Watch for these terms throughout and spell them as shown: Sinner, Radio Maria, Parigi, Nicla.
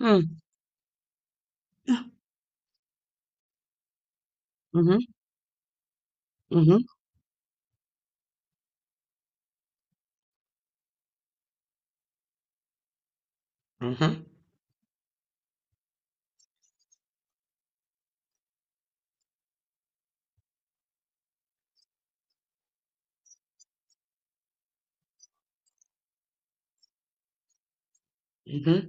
Mh. Ah. Mh-mh, mh-mh, mh-mh, mh-mh,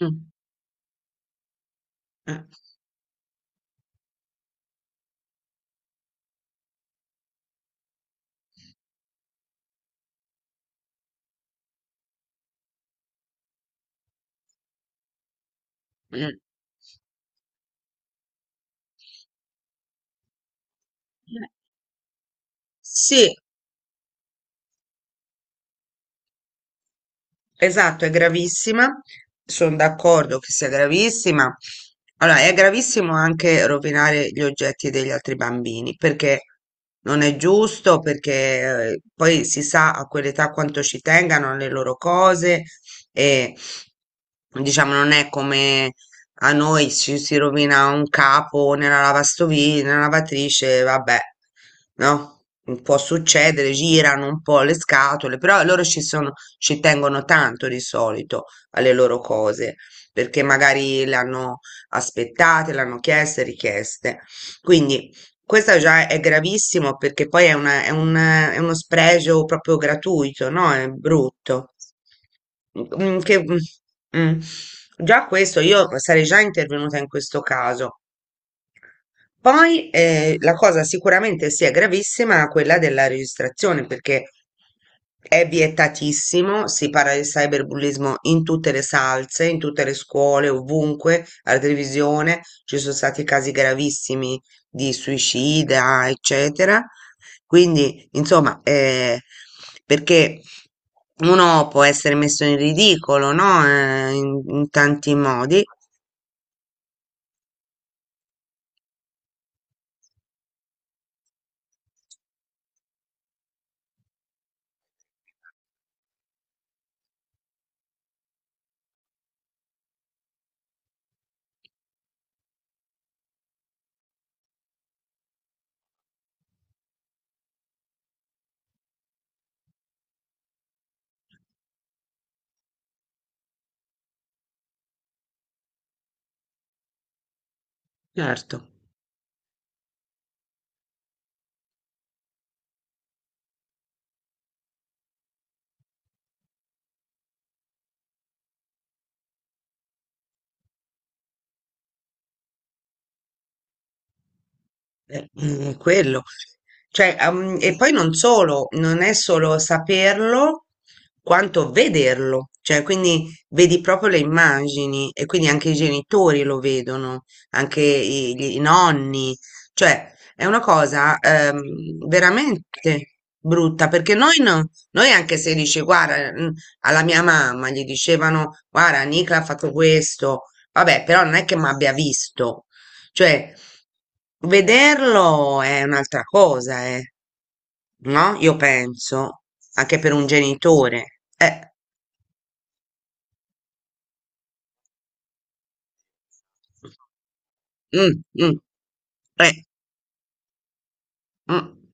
mh. Eh. Eh. Sì. Esatto, è gravissima, sono d'accordo che sia gravissima. Allora, è gravissimo anche rovinare gli oggetti degli altri bambini, perché non è giusto, perché poi si sa a quell'età quanto ci tengano le loro cose e diciamo non è come a noi ci si rovina un capo nella lavastoviglie, nella lavatrice, vabbè, no? Può succedere, girano un po' le scatole, però loro ci sono ci tengono tanto di solito alle loro cose, perché magari le hanno aspettate, le hanno chieste, richieste. Quindi questo già è gravissimo perché poi è, è è uno spregio proprio gratuito, no? È brutto. Mm, che- mm, mm. Già questo, io sarei già intervenuta in questo caso. Poi la cosa sicuramente sia gravissima quella della registrazione, perché è vietatissimo, si parla di cyberbullismo in tutte le salse, in tutte le scuole, ovunque, alla televisione, ci sono stati casi gravissimi di suicida, eccetera. Quindi, insomma, perché uno può essere messo in ridicolo, no? In tanti modi, certo. Mm, quello. Cioè, e poi non solo, non è solo saperlo, quanto vederlo. Cioè, quindi vedi proprio le immagini e quindi anche i genitori lo vedono, anche i nonni. Cioè, è una cosa veramente brutta perché noi, noi anche se dici, guarda, mm, alla mia mamma gli dicevano, guarda, Nicla ha fatto questo, vabbè, però non è che mi abbia visto. Cioè, vederlo è un'altra cosa, no? Io penso, anche per un genitore. Mm, mm, eh, mm.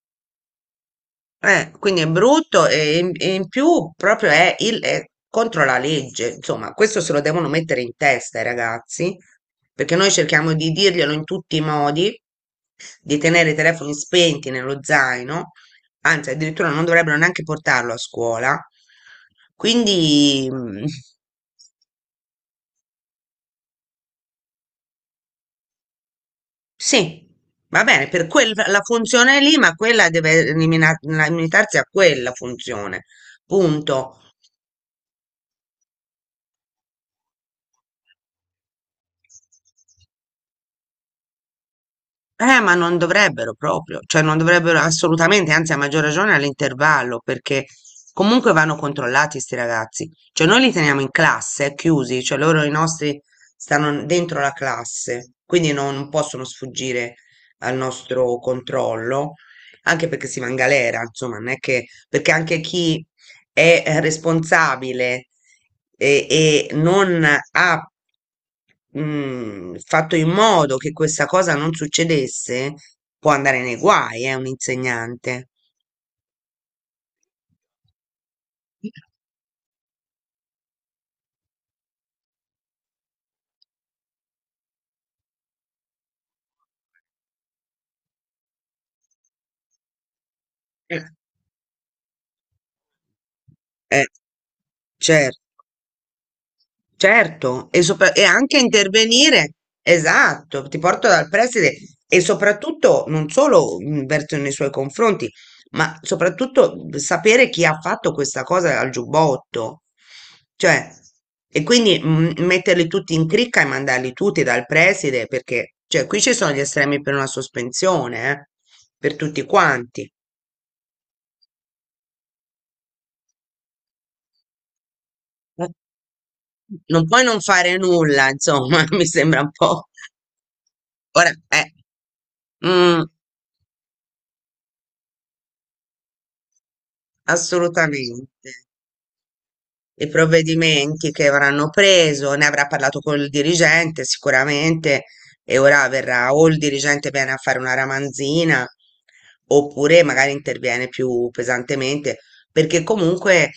Quindi è brutto e in più proprio è, è contro la legge. Insomma, questo se lo devono mettere in testa i ragazzi, perché noi cerchiamo di dirglielo in tutti i modi, di tenere i telefoni spenti nello zaino, anzi addirittura non dovrebbero neanche portarlo a scuola. Quindi sì, va bene, per quella funzione lì, ma quella deve limitarsi a quella funzione, punto. Ma non dovrebbero proprio, cioè non dovrebbero assolutamente, anzi a maggior ragione all'intervallo, perché comunque vanno controllati sti ragazzi. Cioè noi li teniamo in classe, chiusi, cioè loro i nostri stanno dentro la classe, quindi non possono sfuggire al nostro controllo, anche perché si va in galera, insomma, non è che, perché anche chi è responsabile e non ha fatto in modo che questa cosa non succedesse, può andare nei guai, un insegnante. Eh, Eh, certo. Certo, e anche intervenire, esatto, ti porto dal preside e soprattutto non solo verso nei suoi confronti, ma soprattutto sapere chi ha fatto questa cosa al giubbotto. Cioè, e quindi metterli tutti in cricca e mandarli tutti dal preside, perché cioè, qui ci sono gli estremi per una sospensione, per tutti quanti. Eh, Non puoi non fare nulla, insomma, mi sembra un po'. Ora, mm. Assolutamente. I provvedimenti che avranno preso, ne avrà parlato col dirigente sicuramente e ora verrà o il dirigente viene a fare una ramanzina oppure magari interviene più pesantemente perché comunque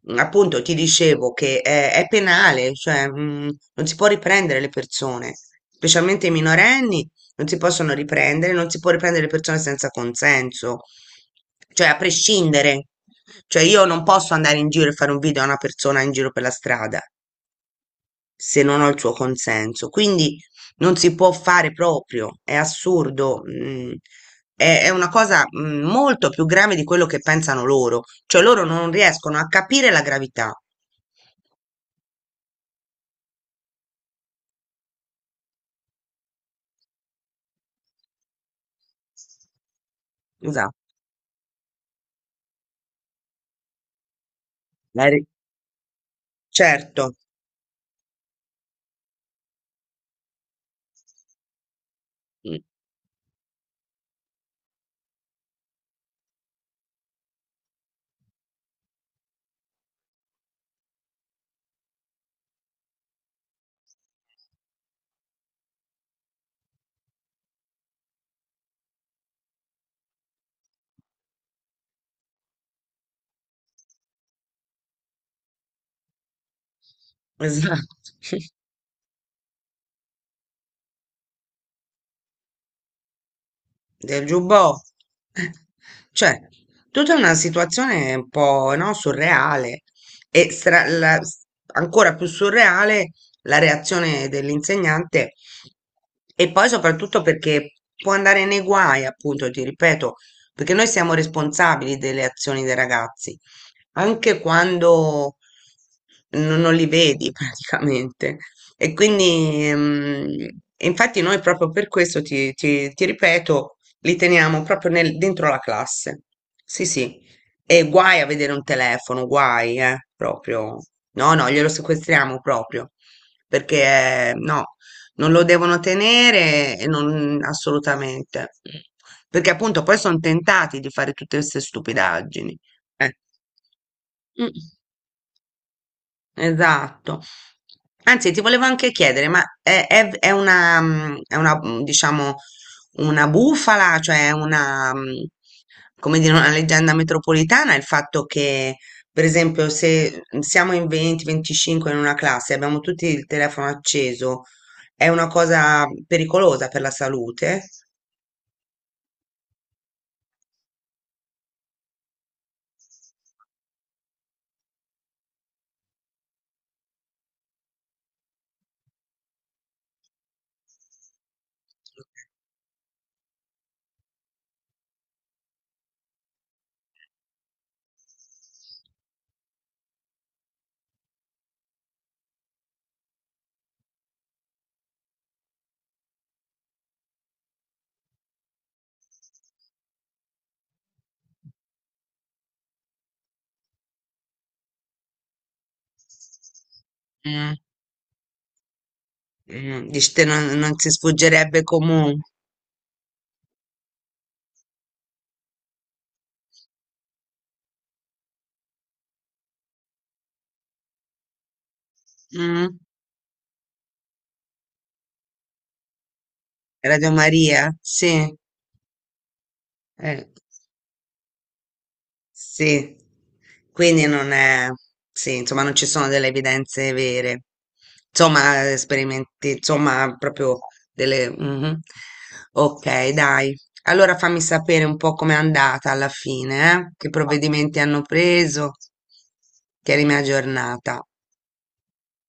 appunto ti dicevo che è penale, cioè non si può riprendere le persone, specialmente i minorenni non si possono riprendere, non si può riprendere le persone senza consenso, cioè a prescindere. Cioè io non posso andare in giro e fare un video a una persona in giro per la strada se non ho il suo consenso. Quindi non si può fare proprio, è assurdo. È una cosa molto più grave di quello che pensano loro, cioè loro non riescono a capire la gravità. Esatto, la certo, mm, esatto. Del giubbotto. Eh, cioè, tutta una situazione un po', no, surreale e ancora più surreale la reazione dell'insegnante e poi soprattutto perché può andare nei guai, appunto, ti ripeto, perché noi siamo responsabili delle azioni dei ragazzi, anche quando non li vedi praticamente. E quindi, mm, infatti noi proprio per questo ti ripeto, li teniamo proprio dentro la classe. Sì, sì. E guai a vedere un telefono, guai, proprio. No, no, glielo sequestriamo proprio. Perché no, non lo devono tenere e non assolutamente. Perché appunto poi sono tentati di fare tutte queste stupidaggini. Eh. Mm. Esatto. Anzi, ti volevo anche chiedere, ma è è diciamo, una bufala, cioè una, mm, come dire, una leggenda metropolitana, il fatto che, per esempio, se siamo in 20, 25 in una classe e abbiamo tutti il telefono acceso, è una cosa pericolosa per la salute? Mm, mm, dici te non si sfuggerebbe comunque. Mm, Radio Maria, sì. Eh. Sì, quindi non è, sì, insomma, non ci sono delle evidenze vere, insomma, esperimenti, insomma, proprio delle... mhm. Ok, dai. Allora fammi sapere un po' com'è andata alla fine, eh? Che provvedimenti hanno preso, tienimi aggiornata.